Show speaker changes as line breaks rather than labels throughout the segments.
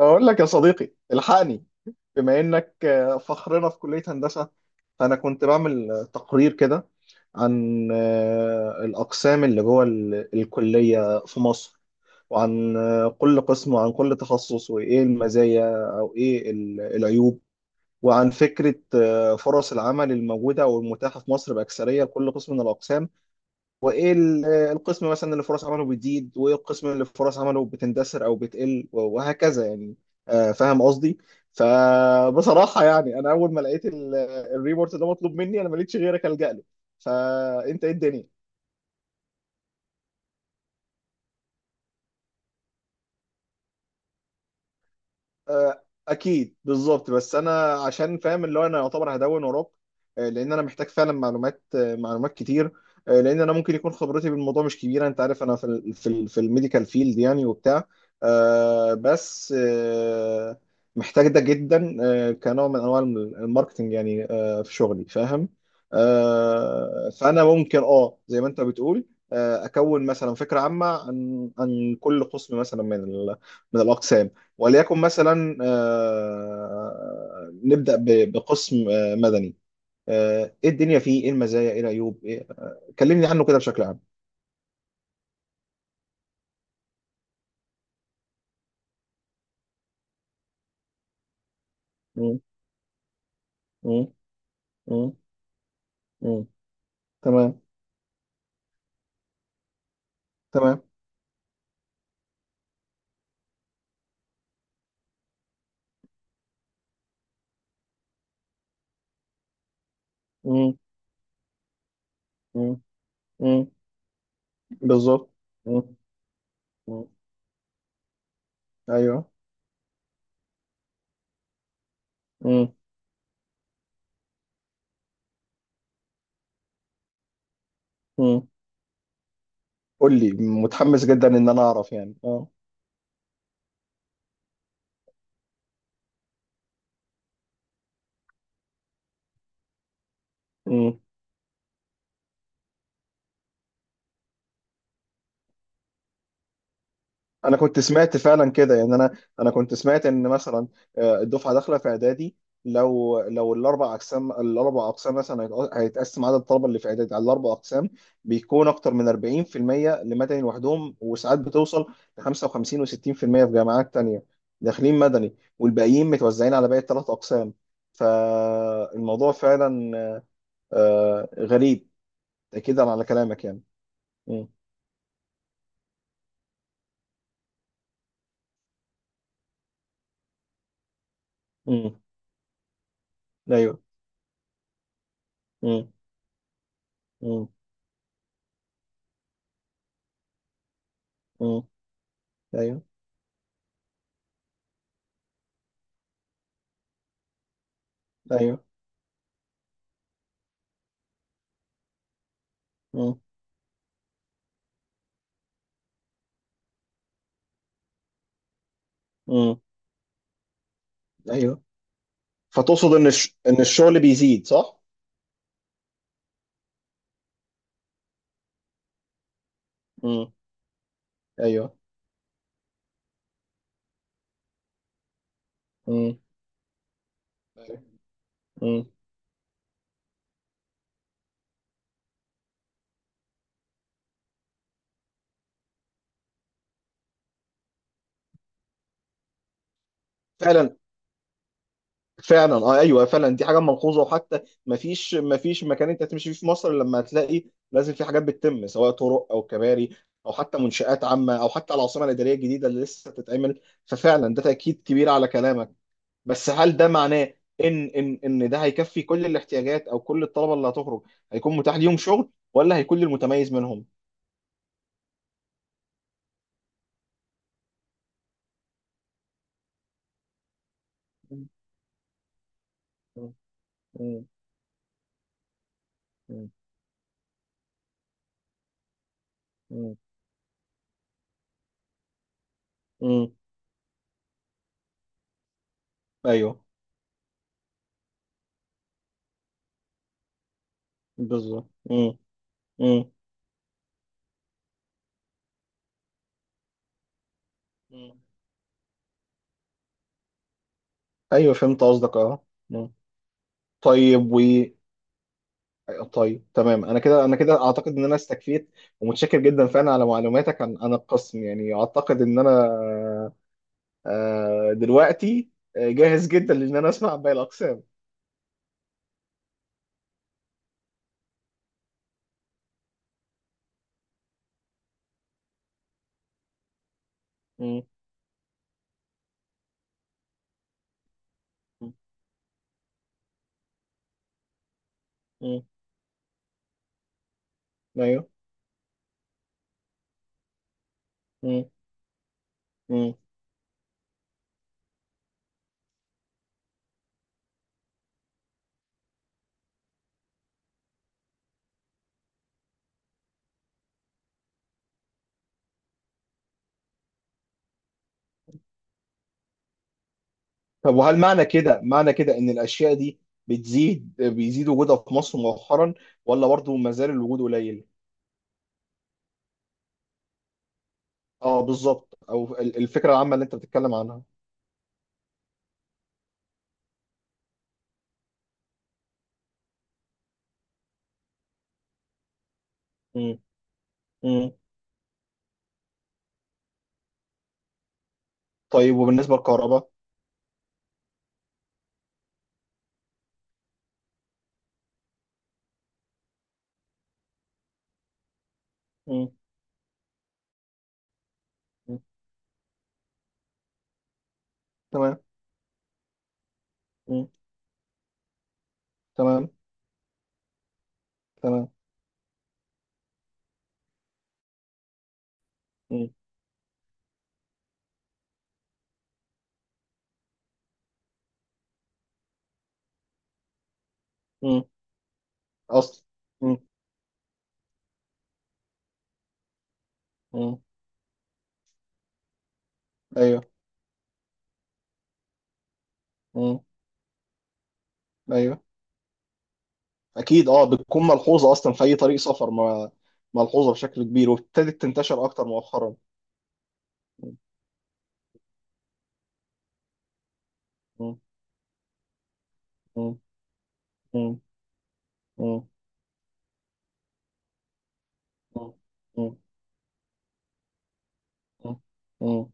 أقول لك يا صديقي الحقني. بما إنك فخرنا في كلية هندسة، فأنا كنت بعمل تقرير كده عن الأقسام اللي جوه الكلية في مصر، وعن كل قسم وعن كل تخصص وإيه المزايا أو إيه العيوب، وعن فكرة فرص العمل الموجودة أو المتاحة في مصر بأكثرية لكل قسم من الأقسام، وايه القسم مثلا اللي فرص عمله بتزيد وايه القسم اللي فرص عمله بتندثر او بتقل وهكذا يعني. فاهم قصدي؟ فبصراحة يعني انا اول ما لقيت الريبورت ده مطلوب مني، انا ما لقيتش غيرك الجأ له، فانت ايه الدنيا؟ اكيد بالظبط، بس انا عشان فاهم اللي هو انا يعتبر هدون وراك، لان انا محتاج فعلا معلومات، معلومات كتير، لان انا ممكن يكون خبرتي بالموضوع مش كبيره، انت عارف انا في الميديكال فيلد يعني وبتاع، بس محتاج ده جدا، كنوع من انواع الماركتنج يعني، في شغلي فاهم. فانا ممكن زي ما انت بتقول، اكون مثلا فكره عامه عن كل قسم مثلا من الاقسام. وليكن مثلا نبدأ بقسم مدني. ايه الدنيا فيه، ايه المزايا، ايه العيوب، إيه؟ كلمني عنه كده بشكل عام. مم. مم. مم. مم. تمام. تمام. مم. مم. مم. بالظبط. مم. مم. ايوه. مم. مم. قول لي، متحمس جدا ان انا اعرف يعني. اه، انا كنت سمعت فعلا كده يعني، انا كنت سمعت ان مثلا الدفعه داخله في اعدادي، لو الاربع اقسام الاربع اقسام مثلا هيتقسم عدد الطلبه اللي في اعدادي على الاربع اقسام، بيكون اكتر من 40% لمدني لوحدهم، وساعات بتوصل ل 55 و60% في جامعات تانية، داخلين مدني والباقيين متوزعين على باقي الثلاث اقسام. فالموضوع فعلا غريب، اكيد على كلامك يعني. امم. امم. ايوه. امم. امم. ايوه. ايوه. مم. مم. ايوه. فتقصد ان ان الشغل بيزيد، صح؟ مم. ايوه. مم. أيوة. مم. فعلا، فعلا، اه، ايوه، فعلا دي حاجه ملحوظه، وحتى ما فيش، ما فيش مكان انت تمشي فيه في مصر إلا لما هتلاقي لازم في حاجات بتتم، سواء طرق او كباري او حتى منشآت عامه او حتى العاصمه الاداريه الجديده اللي لسه بتتعمل، ففعلا ده تاكيد كبير على كلامك. بس هل ده معناه ان ده هيكفي كل الاحتياجات او كل الطلبه اللي هتخرج، هيكون متاح ليهم شغل ولا هيكون للمتميز منهم؟ مم. مم. مم. مم. ايوه، بالظبط. مم. مم. مم. ايوه فهمت قصدك، اه. مم. طيب و طيب تمام، انا كده، انا كده اعتقد ان انا استكفيت، ومتشكر جدا فعلا على معلوماتك عن القسم يعني، اعتقد ان انا دلوقتي جاهز جدا لان انا اسمع باقي الاقسام. مم. مم. مم. ايوه. مم. مم. طب وهل معنى كده، معنى كده ان الاشياء دي بتزيد، بيزيد وجودها في مصر مؤخرا، ولا برضه ما زال الوجود قليل؟ اه بالظبط، او الفكره العامه اللي انت بتتكلم عنها. مم. مم. طيب وبالنسبه للكهرباء. مم. مم. تمام. مم. تمام. تمام. مم. مم. اصل. مم. مم. ايوه. مم. ايوه. اكيد، اه، بتكون ملحوظه اصلا في اي طريق سفر، ما ملحوظه بشكل كبير، وابتدت تنتشر اكتر مؤخرا. مم. مم. مم. مم. مم. مم. مم.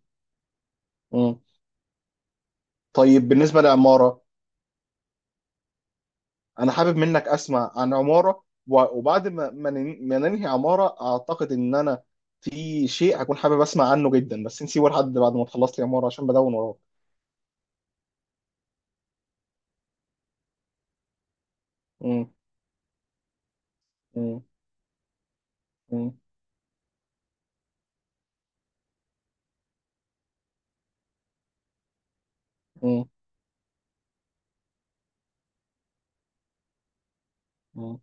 مم. طيب بالنسبه للعماره، انا حابب منك اسمع عن عماره، وبعد ما ننهي عماره اعتقد ان انا في شيء هكون حابب اسمع عنه جدا، بس نسيبه لحد بعد ما تخلص لي عماره عشان بدون وراك. م-. م-. م-. م-. م-.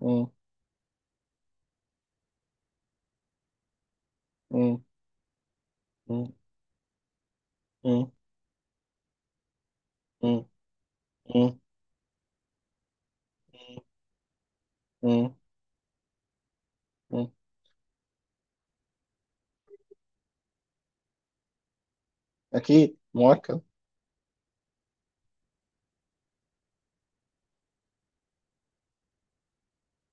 م-. م-. م-. م-. م-. م-. م-. م-. اكيد مؤكد.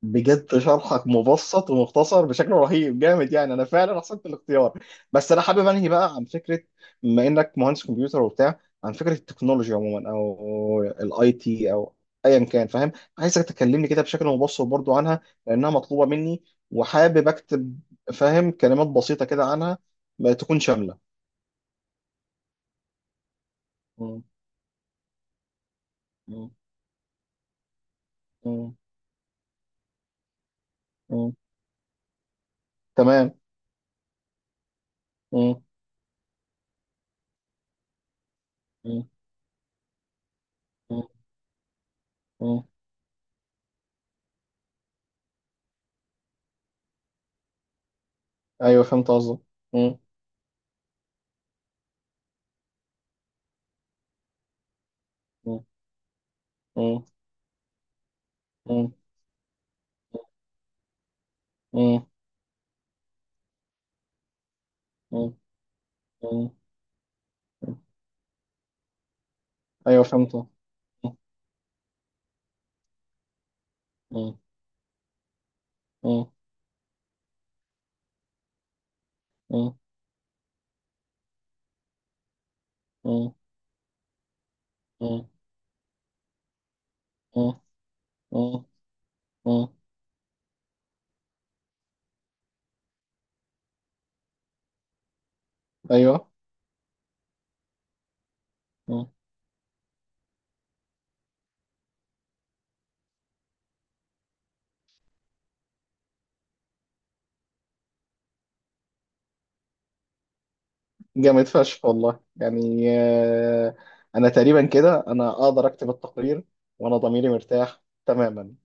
بجد شرحك مبسط ومختصر بشكل رهيب جامد يعني، انا فعلا احسنت الاختيار. بس انا حابب انهي بقى عن فكره، بما انك مهندس كمبيوتر وبتاع، عن فكره التكنولوجيا عموما او الاي تي او ايا كان فاهم، عايزك تكلمني كده بشكل مبسط برضو عنها لانها مطلوبه مني، وحابب اكتب، فاهم، كلمات بسيطه كده عنها ما تكون شامله. م-. م-. م-. م. تمام. م-. م-. م-. م. ايوه فهمت قصدك. م-. م-. م-. م-. مم. مم. مم. ايوه فهمت. مم. مم. مم. مم. مم. مم. مم. مم. ايوه. مم. جامد فشخ والله يعني، انا تقريبا كده انا اقدر اكتب التقرير، وانا ضميري مرتاح تماما.